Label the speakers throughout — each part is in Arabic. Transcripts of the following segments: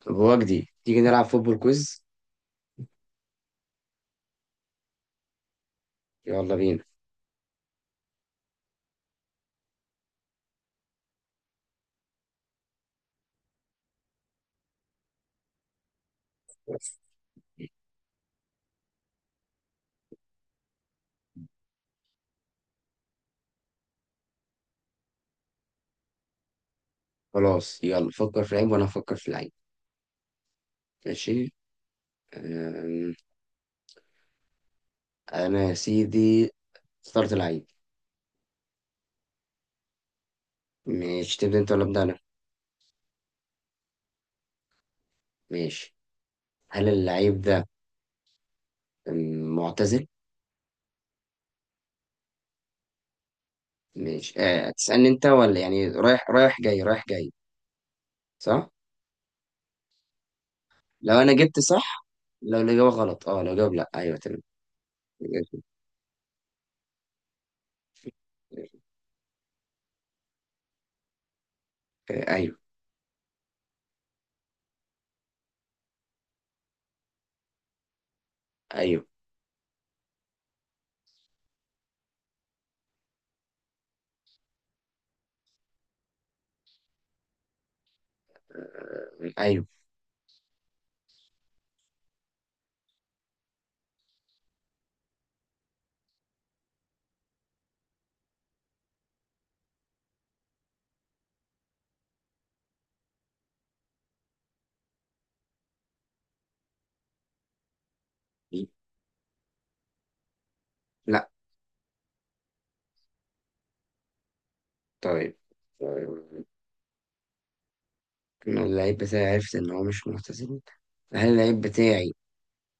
Speaker 1: طب هو جديد تيجي نلعب فوتبول كويز. يلا بينا. خلاص، يلا فكر في لعيب وانا هفكر في لعيب. ماشي. أم، انا يا سيدي اخترت لعيب. ماشي، تبدا انت ولا ابدا انا؟ ماشي. هل اللعيب ده معتزل؟ ماشي. أه، تسألني انت ولا يعني رايح جاي؟ صح. لو انا جبت صح، لو الاجابه غلط اه، لو جاوب لا ايوه تمام. أه، ايوه. ايوه. ايوه. لا. طيب. طيب. إنه اللعيب بتاعي عرفت إن هو مش ملتزم. هل اللعيب بتاعي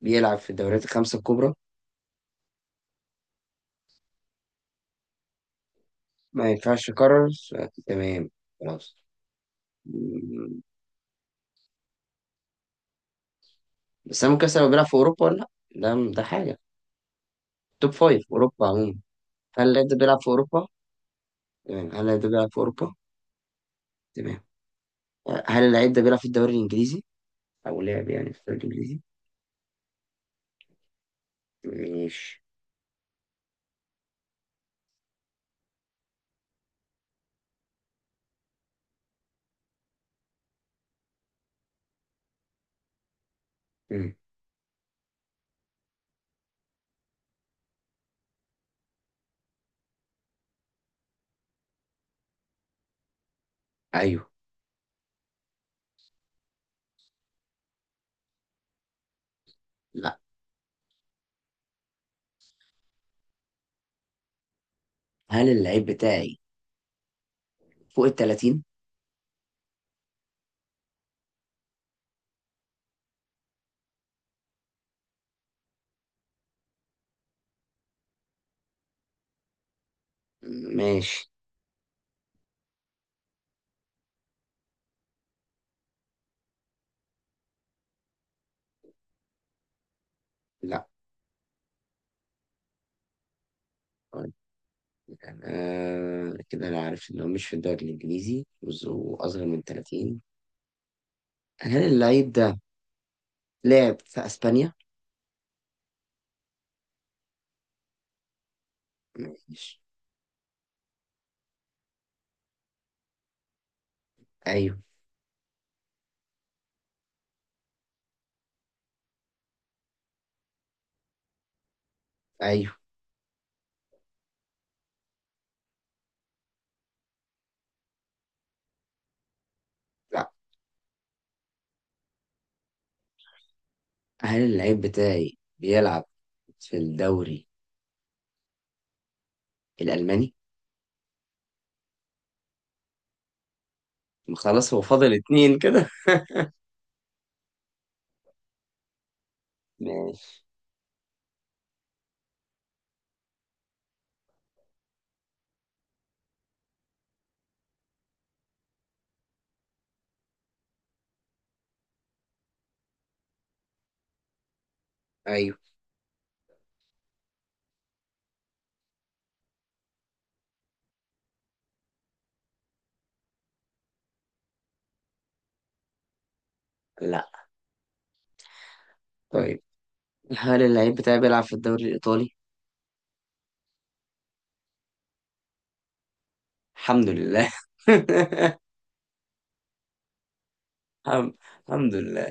Speaker 1: بيلعب في الدوريات الخمسة الكبرى؟ ما ينفعش أكرر، تمام. خلاص. م- بس أنا ممكن أسأل، هو بيلعب في أوروبا ولا لأ؟ ده حاجة، توب فايف أوروبا عموما. هل اللعيب ده بيلعب في أوروبا؟ تمام، هل اللعيب ده بيلعب في أوروبا؟ تمام. هل اللعيب ده بيلعب في الدوري الإنجليزي؟ أو لعب يعني في الدوري الإنجليزي؟ ماشي. مم. أيوه. لأ. هل اللعيب بتاعي فوق ال 30؟ ماشي. لأ. آه، كده انا عارف ان هو مش في الدوري الانجليزي واصغر من 30. هل اللعيب ده لعب في اسبانيا؟ ماشي. ايوه. ايوه. لا. هل اللعيب بتاعي بيلعب في الدوري الالماني؟ خلاص، هو فاضل اتنين كده. ماشي. ايوه. لا. طيب هل اللعيب بتاعي بيلعب في الدوري الايطالي؟ الحمد لله. الحم- الحمد لله.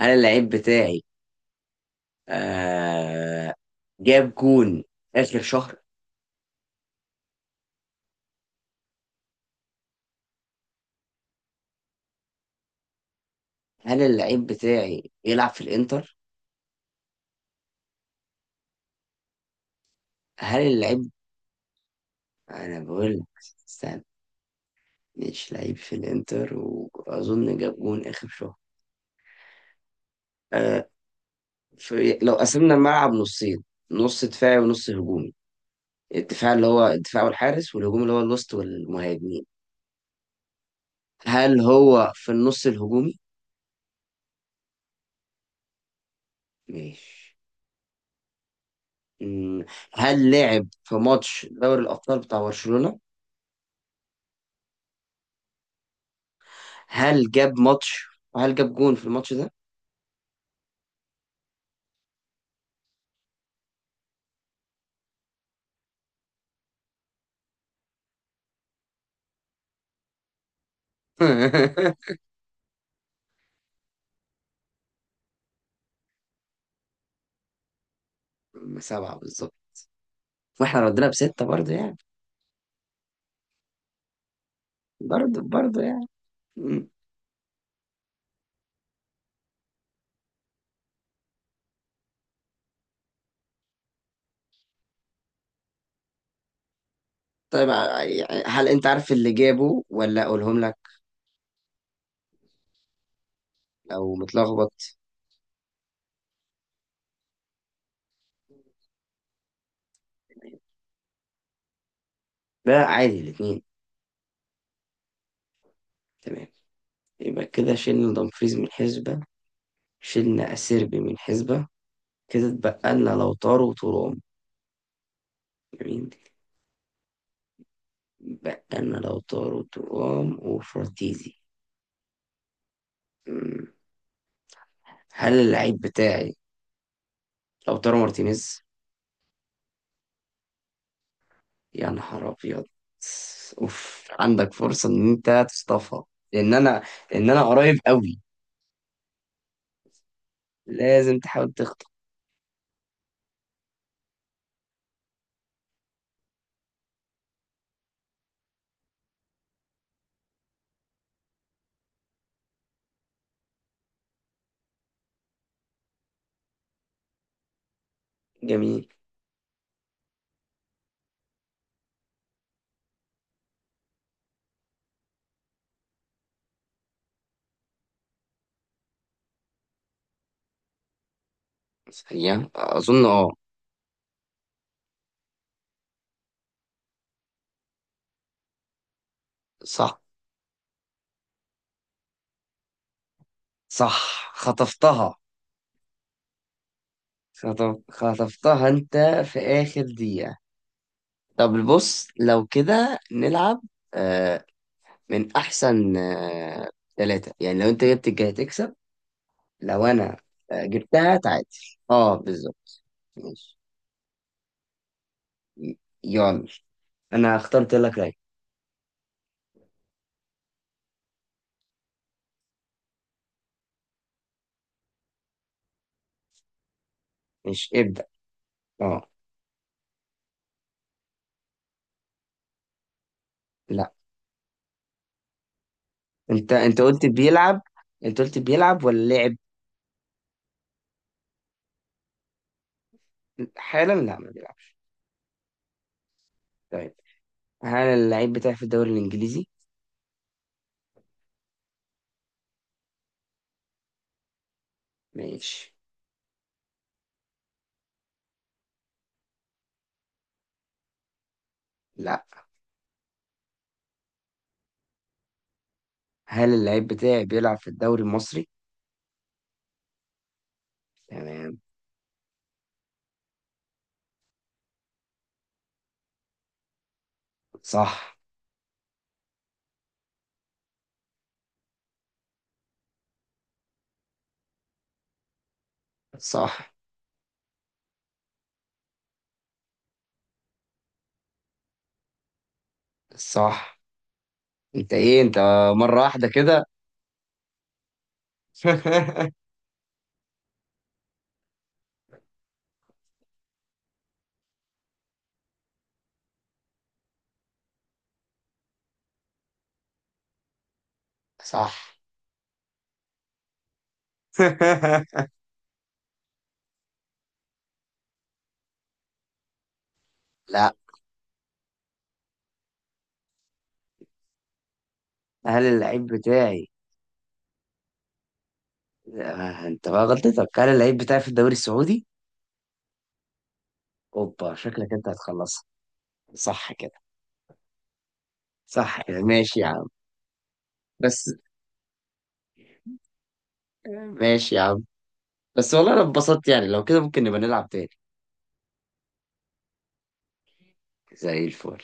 Speaker 1: هل اللعيب بتاعي آه جاب جون اخر شهر؟ هل اللعيب بتاعي بيلعب في الانتر؟ هل اللعيب، انا بقول لك، استنى. مش لعيب في الانتر واظن جاب جون اخر شهر. آه، لو قسمنا الملعب نصين، نص دفاعي ونص هجومي، الدفاع اللي هو الدفاع والحارس، والهجوم اللي هو الوسط والمهاجمين. هل هو في النص الهجومي؟ ماشي. مم، هل لعب في ماتش دوري الابطال بتاع برشلونة؟ هل جاب ماتش وهل جاب جون في الماتش ده؟ سبعة بالظبط. واحنا ردينا بستة برضه يعني. برضه برضه يعني. مم. طيب، يعني هل انت عارف اللي جابه ولا اقولهم لك لو متلخبط؟ ده عادي الاتنين. تمام. يبقى كده شلنا دمفريز من حسبة، شلنا أسيربي من حسبة، كده اتبقى لنا لوتارو وترام. جميل. اتبقى لنا لوتارو وترام وفراتيزي. مم. هل اللعيب بتاعي لوتارو مارتينيز؟ يا نهار ابيض. اوف، عندك فرصه ان انت تصطفها. لان انا لان انا قريب قوي. لازم تحاول تخطف. جميل. هي اظن اه. صح. صح، خطفتها. خطفتها انت في اخر دقيقه. طب بص، لو كده نلعب آه من احسن آه ثلاثه، يعني لو انت جبت الجاي تكسب. لو انا آه جبتها تعادل. اه بالظبط. ماشي. يلا، انا اخترت لك لعيب. مش ابدأ. اه. لا، انت قلت بيلعب. انت قلت بيلعب ولا لعب؟ حالا لا ما بيلعبش. طيب هل اللعيب بتاعي في الدوري الانجليزي؟ ماشي. لا. هل اللعيب بتاعي بيلعب في الدوري المصري؟ تمام. صح. صح. صح. انت ايه انت، مرة واحدة كده؟ صح. لا، هل اللعيب بتاعي آه، انت بقى غلطتك، هل اللعيب بتاعي في الدوري السعودي؟ اوبا، شكلك انت هتخلصها. صح كده. صح يعني، ماشي يا عم. بس ماشي يا عم. بس والله انا اتبسطت يعني، لو كده ممكن نبقى نلعب تاني زي الفل.